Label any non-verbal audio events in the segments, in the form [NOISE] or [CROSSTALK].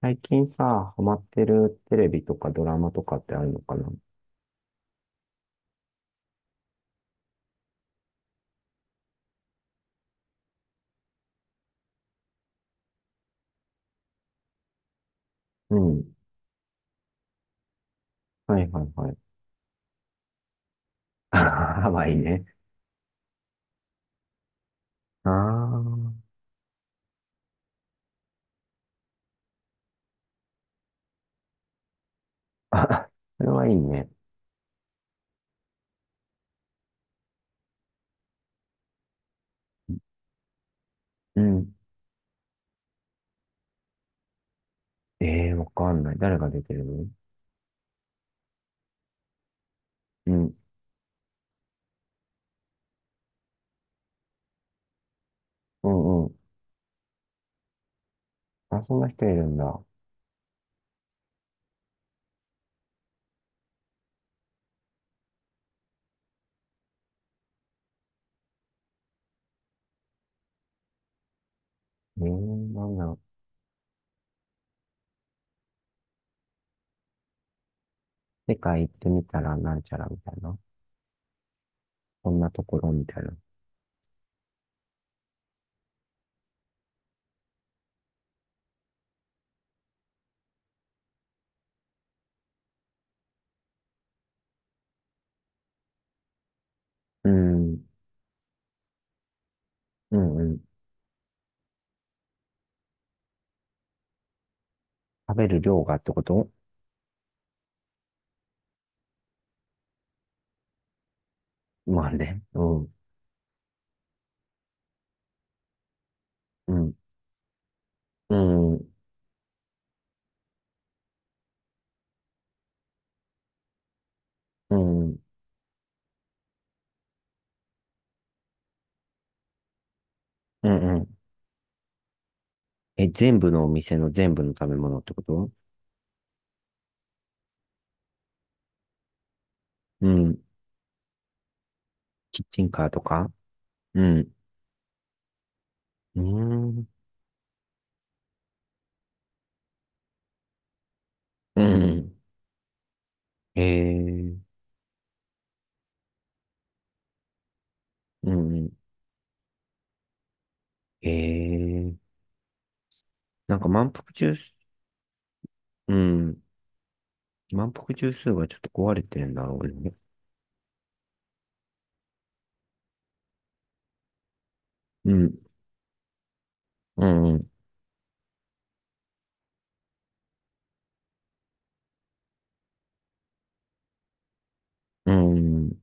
最近さ、ハマってるテレビとかドラマとかってあるのかな？うん。はいはいはい。[LAUGHS] ハまあいいね。ああ。[LAUGHS] あ、それはいいね。うん。ええー、わかんない。誰が出てるの？うん。うんうん。あ、そんな人いるんだ。ええー、なんだろう。世界行ってみたらなんちゃらみたいな。こんなところみたいな。うん。うんうん。食べる量がってこと？まあね。うん。うん。うん。うん。うん。うん。うん。え、全部のお店の全部の食べ物ってこと？うん。キッチンカーとか？うん。うーん。うん。ええ。うんうん。ええ。なんか満腹中枢、うん。満腹中枢がちょっと壊れてるんだろうね。うん。うん。うん。うん。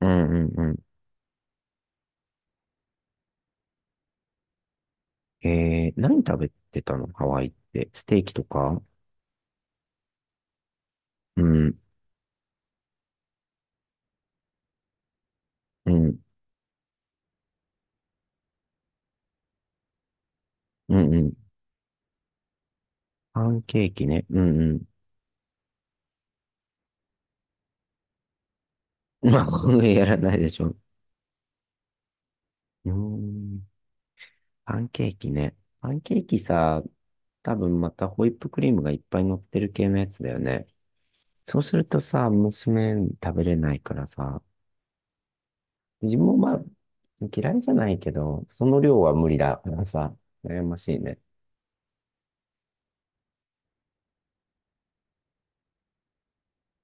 うん。うん。ええ、何食べてたのハワイって。ステーキとか？うん。うん。うん。うん。パンケーキね。うん。うん。[LAUGHS] まあ、これやらないでしょ。うーん。パンケーキね。パンケーキさ、多分またホイップクリームがいっぱい乗ってる系のやつだよね。そうするとさ、娘食べれないからさ、自分もまあ、嫌いじゃないけど、その量は無理だからさ、悩ましいね。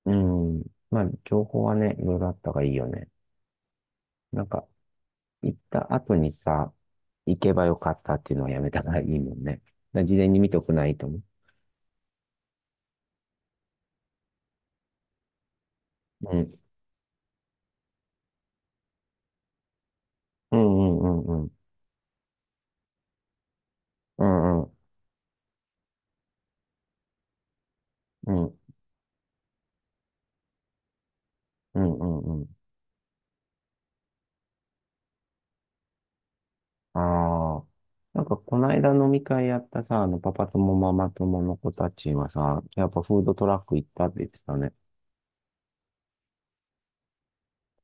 うん。まあ、情報はね、いろいろあった方がいいよね。なんか、行った後にさ、行けばよかったっていうのはやめた方がいいもんね。だから事前に見とくないと思う。うん。うんうんうんうん。うんうん。うんうんうんうん。ああ。なんか、この間飲み会やったさ、パパ友ママ友の子たちはさ、やっぱフードトラック行ったって言ってたね。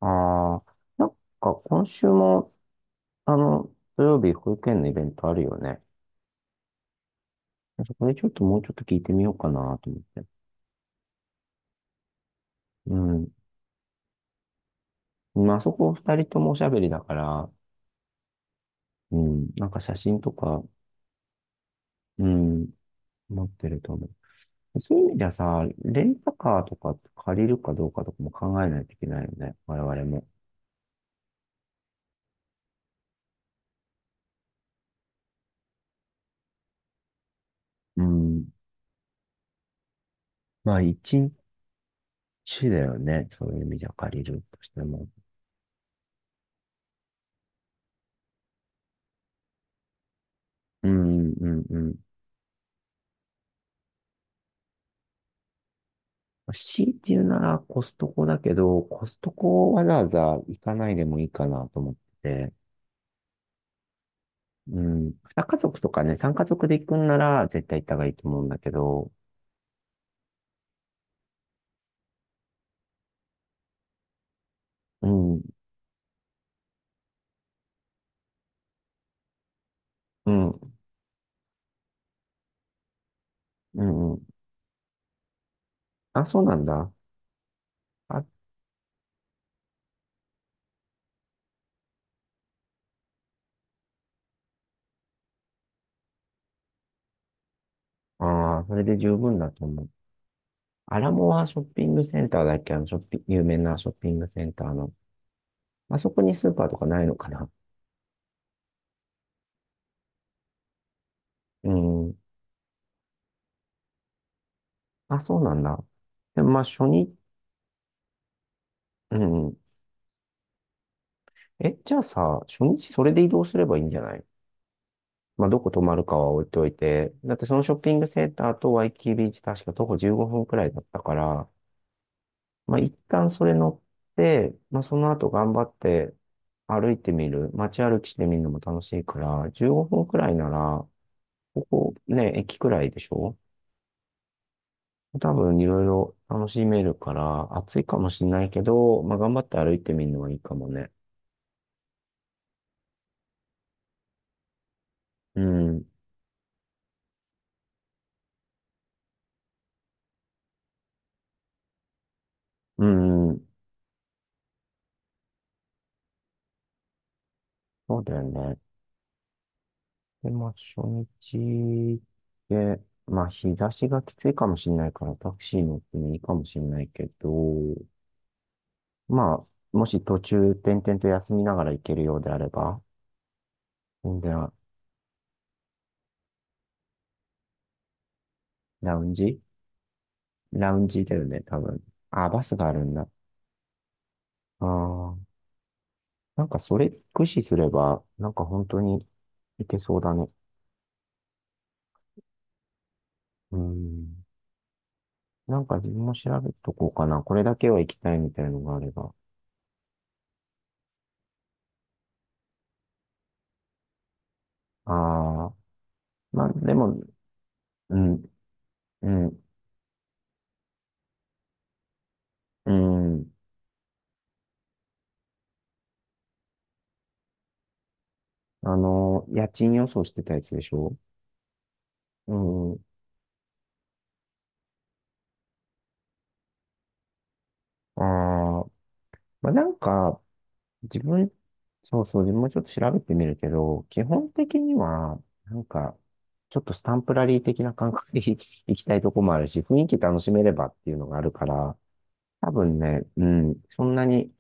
ああ。なんか、今週も、あの、土曜日保育園のイベントあるよね。そこでちょっともうちょっと聞いてみようかなと思って。うん。まあ、そこ二人ともおしゃべりだから、うん。なんか写真とか、うん、持ってると思う。そういう意味ではさ、レンタカーとか借りるかどうかとかも考えないといけないよね。我々も。うん。まあ、一日だよね。そういう意味じゃ借りるとしても。うん、うん、うん。ま、強いて言うならコストコだけど、コストコわざわざ行かないでもいいかなと思ってて。うん。2家族とかね、3家族で行くんなら絶対行った方がいいと思うんだけど。うん、うん、うん、うん。あ、そうなんだ。あ、あー、それで十分だと思う。アラモアショッピングセンターだっけ。あの、ショッピ、有名なショッピングセンターの。まあそこにスーパーとかないのかな？うん。あ、そうなんだ。で、まあ、初日、うん。え、じゃあさ、初日それで移動すればいいんじゃない？まあ、どこ泊まるかは置いといて。だってそのショッピングセンターとワイキキビーチ確か徒歩15分くらいだったから、まあ、一旦それ乗って、まあ、その後頑張って歩いてみる。街歩きしてみるのも楽しいから、15分くらいなら、ここね、駅くらいでしょ？多分いろいろ楽しめるから、暑いかもしれないけど、まあ、頑張って歩いてみるのはいいかもね。うん。うん、そうだよね。で、まあ、初日で、まあ、日差しがきついかもしれないから、タクシー乗ってもいいかもしれないけど、まあ、もし途中、点々と休みながら行けるようであれば、全然、ラウンジラウンジだよね、多分。あ、バスがあるんだ。ああ、なんかそれ駆使すれば、なんか本当に行けそうだね。うん。なんか自分も調べとこうかな。これだけは行きたいみたいなのがあれば。ああ。まあ、でも、うん、うん、うん。家賃予想してたやつでしょ？うん。ああ、まあ、なんか、自分、そうそう、自分もちょっと調べてみるけど、基本的には、なんか、ちょっとスタンプラリー的な感覚で [LAUGHS] 行きたいとこもあるし、雰囲気楽しめればっていうのがあるから、多分ね、うん、そんなに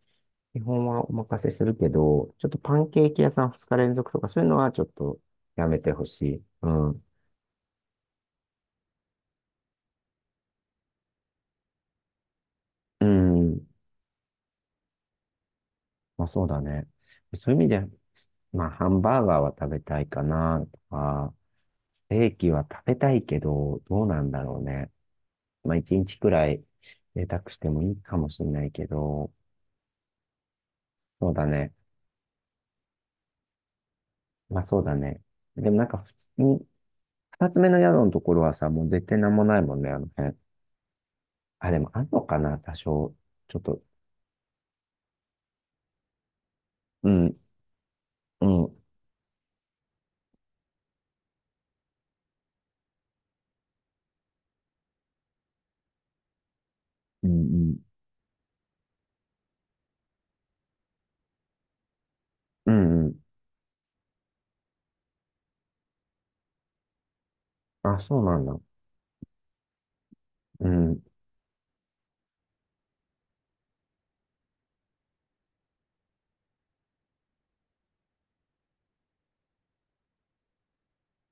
基本はお任せするけど、ちょっとパンケーキ屋さん2日連続とかそういうのはちょっとやめてほしい。うん。うん。まあそうだね。そういう意味で、まあハンバーガーは食べたいかなとか、ステーキは食べたいけど、どうなんだろうね。まあ一日くらい贅沢してもいいかもしれないけど、そうだね。まあそうだね。でもなんか普通に、二つ目の宿のところはさ、もう絶対なんもないもんね、あの辺。あ、でもあんのかな、多少。ちょっと、うん、うん、うん、うん、うんうん。あ、そうなんだ。うん。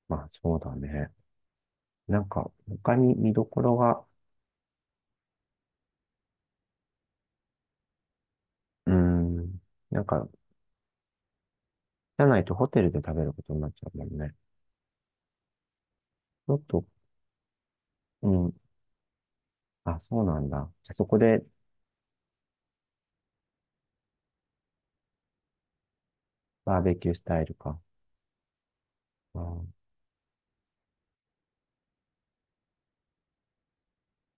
まあそうだね。なんか他に見どころが、うん。なんか、じゃないとホテルで食べることになっちゃうもんね。ちょっと、うん。あ、そうなんだ。じゃあそこで、バーベキュースタイルか。うん、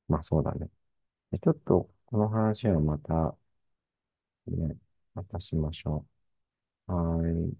まあそうだね。でちょっと、この話はまた、ね、またしましょう。はーい。